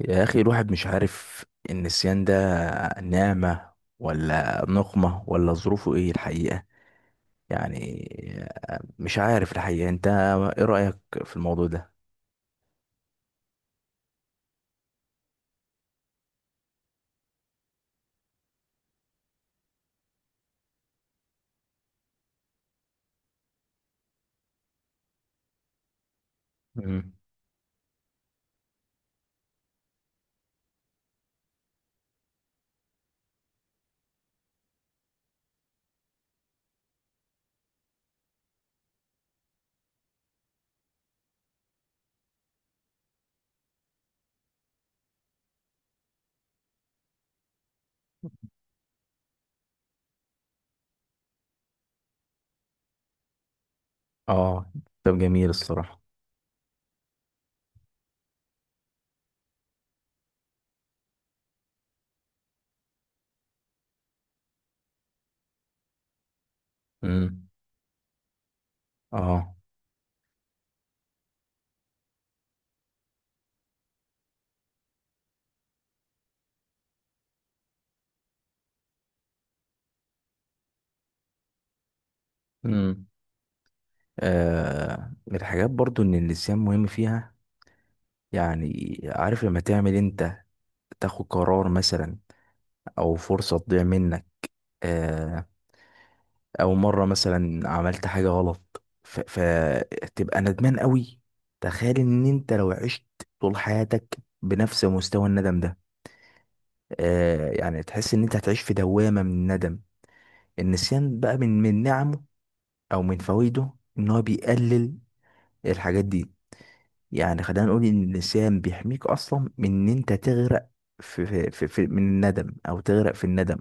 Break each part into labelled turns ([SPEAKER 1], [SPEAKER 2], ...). [SPEAKER 1] يا أخي، الواحد مش عارف، النسيان ده نعمة ولا نقمة ولا ظروفه إيه الحقيقة؟ يعني مش عارف الحقيقة، أنت إيه رأيك في الموضوع ده؟ مم. آه، طب جميل الصراحة. مم. آه. مم. آه، من الحاجات برضو إن النسيان مهم فيها، يعني عارف لما تعمل أنت، تاخد قرار مثلا أو فرصة تضيع منك، آه، او مره مثلا عملت حاجه غلط، فتبقى ندمان قوي. تخيل ان انت لو عشت طول حياتك بنفس مستوى الندم ده، آه يعني تحس ان انت هتعيش في دوامه من الندم. النسيان بقى من نعمه او من فوائده ان هو بيقلل الحاجات دي. يعني خلينا نقول ان النسيان بيحميك اصلا من ان انت تغرق في من الندم، او تغرق في الندم.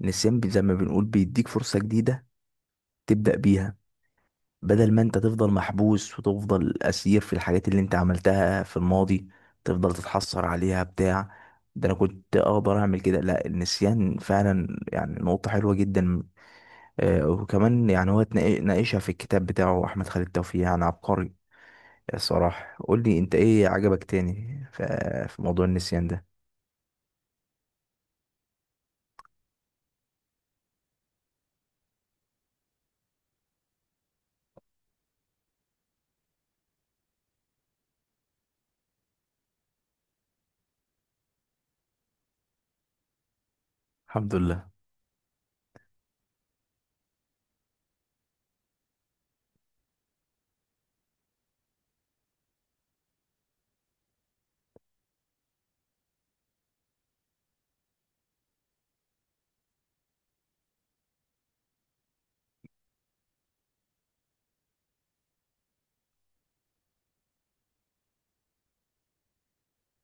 [SPEAKER 1] النسيان زي ما بنقول بيديك فرصه جديده تبدا بيها، بدل ما انت تفضل محبوس وتفضل اسير في الحاجات اللي انت عملتها في الماضي، تفضل تتحسر عليها بتاع ده انا كنت اقدر اعمل كده. لا، النسيان فعلا يعني نقطة حلوة جدا. آه وكمان يعني هو ناقشها في الكتاب بتاعه احمد خالد توفيق، يعني عبقري الصراحة. قول لي انت، ايه عجبك تاني في موضوع النسيان ده؟ الحمد لله.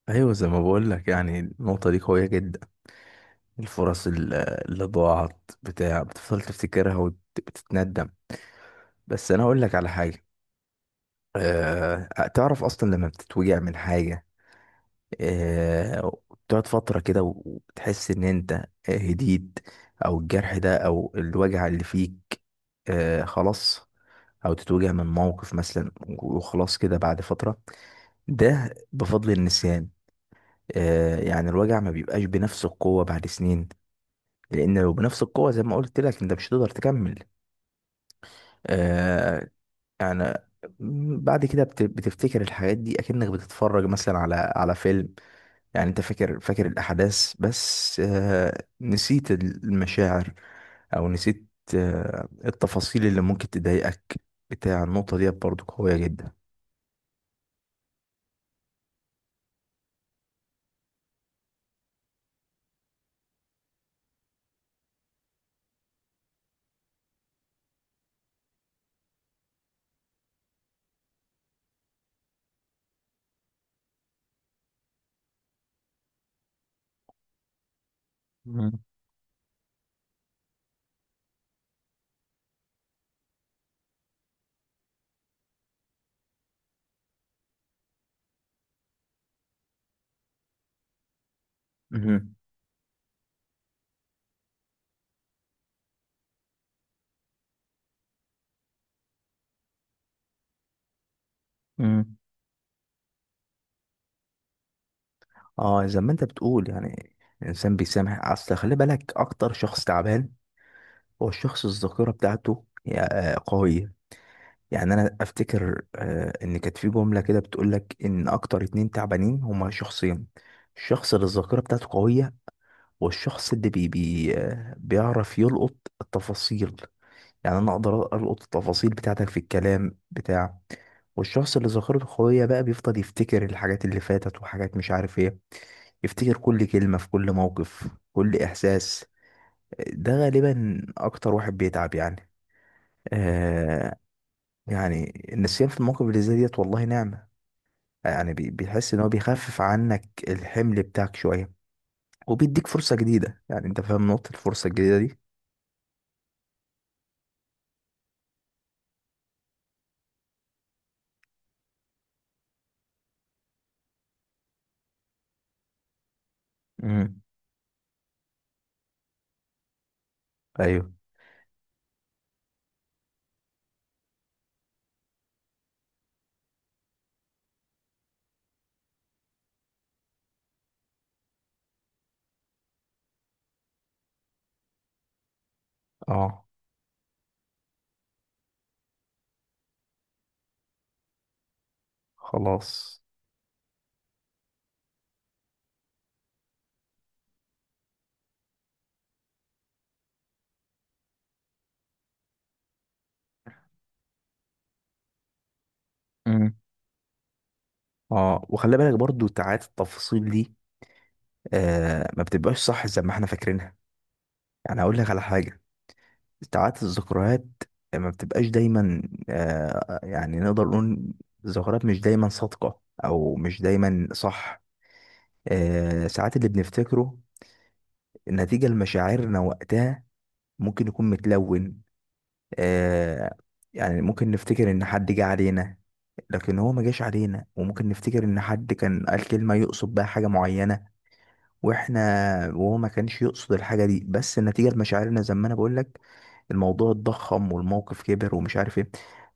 [SPEAKER 1] ايوه زي ما بقول لك، يعني النقطه دي قويه جدا. الفرص اللي ضاعت بتاع بتفضل تفتكرها وبتتندم. بس انا اقول لك على حاجه. أه. تعرف اصلا لما بتتوجع من حاجه، أه، بتقعد فتره كده وتحس ان انت، آه، هديت، او الجرح ده او الوجع اللي فيك، أه، خلاص. او تتوجع من موقف مثلا وخلاص كده بعد فتره. ده بفضل النسيان. أه يعني الوجع ما بيبقاش بنفس القوه بعد سنين، لان لو بنفس القوه زي ما قلت لك انت مش هتقدر تكمل. آه يعني بعد كده بتفتكر الحاجات دي اكنك بتتفرج مثلا على فيلم. يعني انت فاكر فاكر الاحداث بس آه، نسيت المشاعر او نسيت آه، التفاصيل اللي ممكن تضايقك بتاع. النقطة دي برضو قوية جدا. مم. مهم. مم. اه زي ما انت بتقول، يعني الانسان بيسامح، اصل خلي بالك، اكتر شخص تعبان هو الشخص الذاكرة بتاعته هي آه، قوية. يعني انا افتكر آه، ان كانت في جمله كده بتقول لك ان اكتر اتنين تعبانين هما شخصين، الشخص اللي الذاكره بتاعته قويه، والشخص اللي بي بي آه، بيعرف يلقط التفاصيل. يعني انا اقدر القط التفاصيل بتاعتك في الكلام بتاع. والشخص اللي ذاكرته قويه بقى بيفضل يفتكر الحاجات اللي فاتت وحاجات مش عارف ايه، يفتكر كل كلمه في كل موقف كل احساس، ده غالبا اكتر واحد بيتعب يعني. آه. يعني النسيان في المواقف اللي زي ديت والله نعمة. يعني بيحس ان هو بيخفف عنك الحمل بتاعك شويه، وبيديك فرصه جديده. يعني انت فاهم نقطه الفرصه الجديده دي. امم. ايوه. اه خلاص. امم. اه، وخلي بالك برضو ساعات التفاصيل دي آه ما بتبقاش صح زي ما احنا فاكرينها. يعني اقول لك على حاجه، ساعات الذكريات ما بتبقاش دايما، آه يعني نقدر نقول الذكريات مش دايما صادقه او مش دايما صح. آه ساعات اللي بنفتكره نتيجه لمشاعرنا وقتها ممكن يكون متلون. آه. يعني ممكن نفتكر ان حد جه علينا لكن هو ما جاش علينا، وممكن نفتكر ان حد كان قال كلمة يقصد بها حاجة معينة، واحنا، وهو ما كانش يقصد الحاجة دي، بس نتيجة لمشاعرنا زي ما انا بقول لك الموضوع اتضخم والموقف كبر ومش عارف ايه.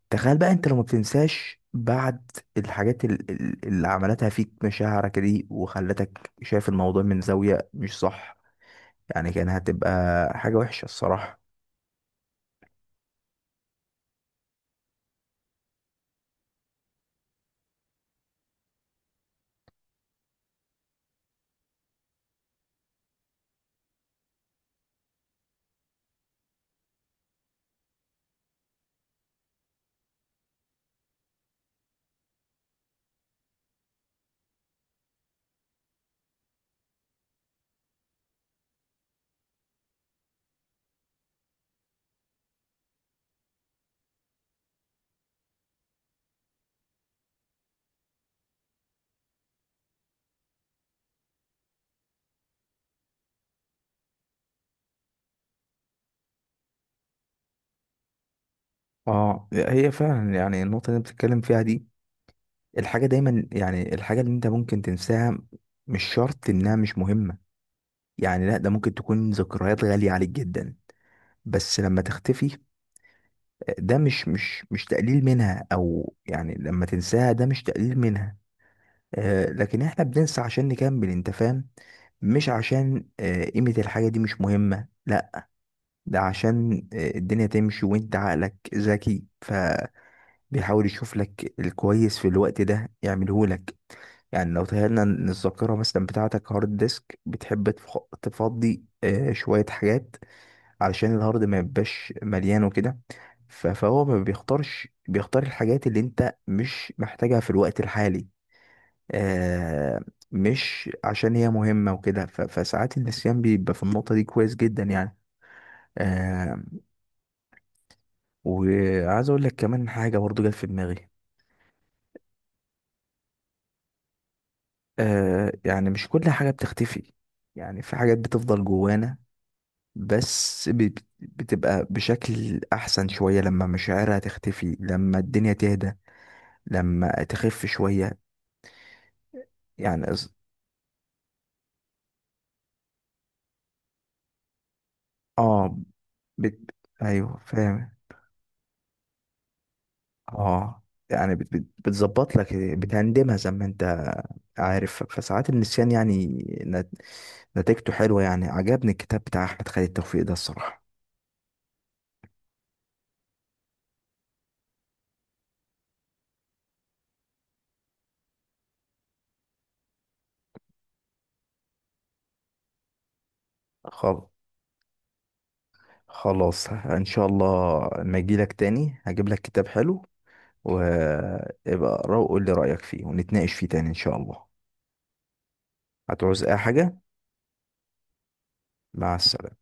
[SPEAKER 1] تخيل بقى انت لو ما بتنساش بعد الحاجات اللي عملتها فيك مشاعرك دي وخلتك شايف الموضوع من زاوية مش صح، يعني كان هتبقى حاجة وحشة الصراحة. اه، هي فعلا يعني النقطة اللي انت بتتكلم فيها دي، الحاجة دايما يعني الحاجة اللي انت ممكن تنساها مش شرط انها مش مهمة. يعني لا، ده ممكن تكون ذكريات غالية عليك جدا، بس لما تختفي ده مش تقليل منها. او يعني لما تنساها ده مش تقليل منها. آه لكن احنا بننسى عشان نكمل، انت فاهم، مش عشان آه، قيمة الحاجة دي مش مهمة، لا. ده عشان آه، الدنيا تمشي، وانت عقلك ذكي بيحاول يشوف لك الكويس في الوقت ده يعمله لك. يعني لو تخيلنا ان الذاكره مثلا بتاعتك هارد ديسك، بتحب تفضي آه، شويه حاجات علشان الهارد ما يبقاش مليان وكده. فهو ما بيختارش، بيختار الحاجات اللي انت مش محتاجها في الوقت الحالي، آه، مش عشان هي مهمه وكده. فساعات النسيان بيبقى في النقطه دي كويس جدا يعني. آه، وعايز اقول لك كمان حاجه برضو جت في دماغي. آه يعني مش كل حاجة بتختفي، يعني في حاجات بتفضل جوانا، بس بتبقى بشكل أحسن شوية لما مشاعرها تختفي، لما الدنيا تهدى، لما تخف شوية. يعني اه. بت... أيوه فاهم. اه يعني بتظبط لك بتهندمها زي ما انت عارف. فساعات النسيان يعني نت- نتيجته حلوة. يعني عجبني الكتاب بتاع أحمد خالد توفيق ده الصراحة. خالص. خلاص ان شاء الله لما اجيلك تاني هجيب لك كتاب حلو، وابقى اقراه وقول لي رأيك فيه ونتناقش فيه تاني ان شاء الله. هتعوز اي حاجة؟ مع السلامة.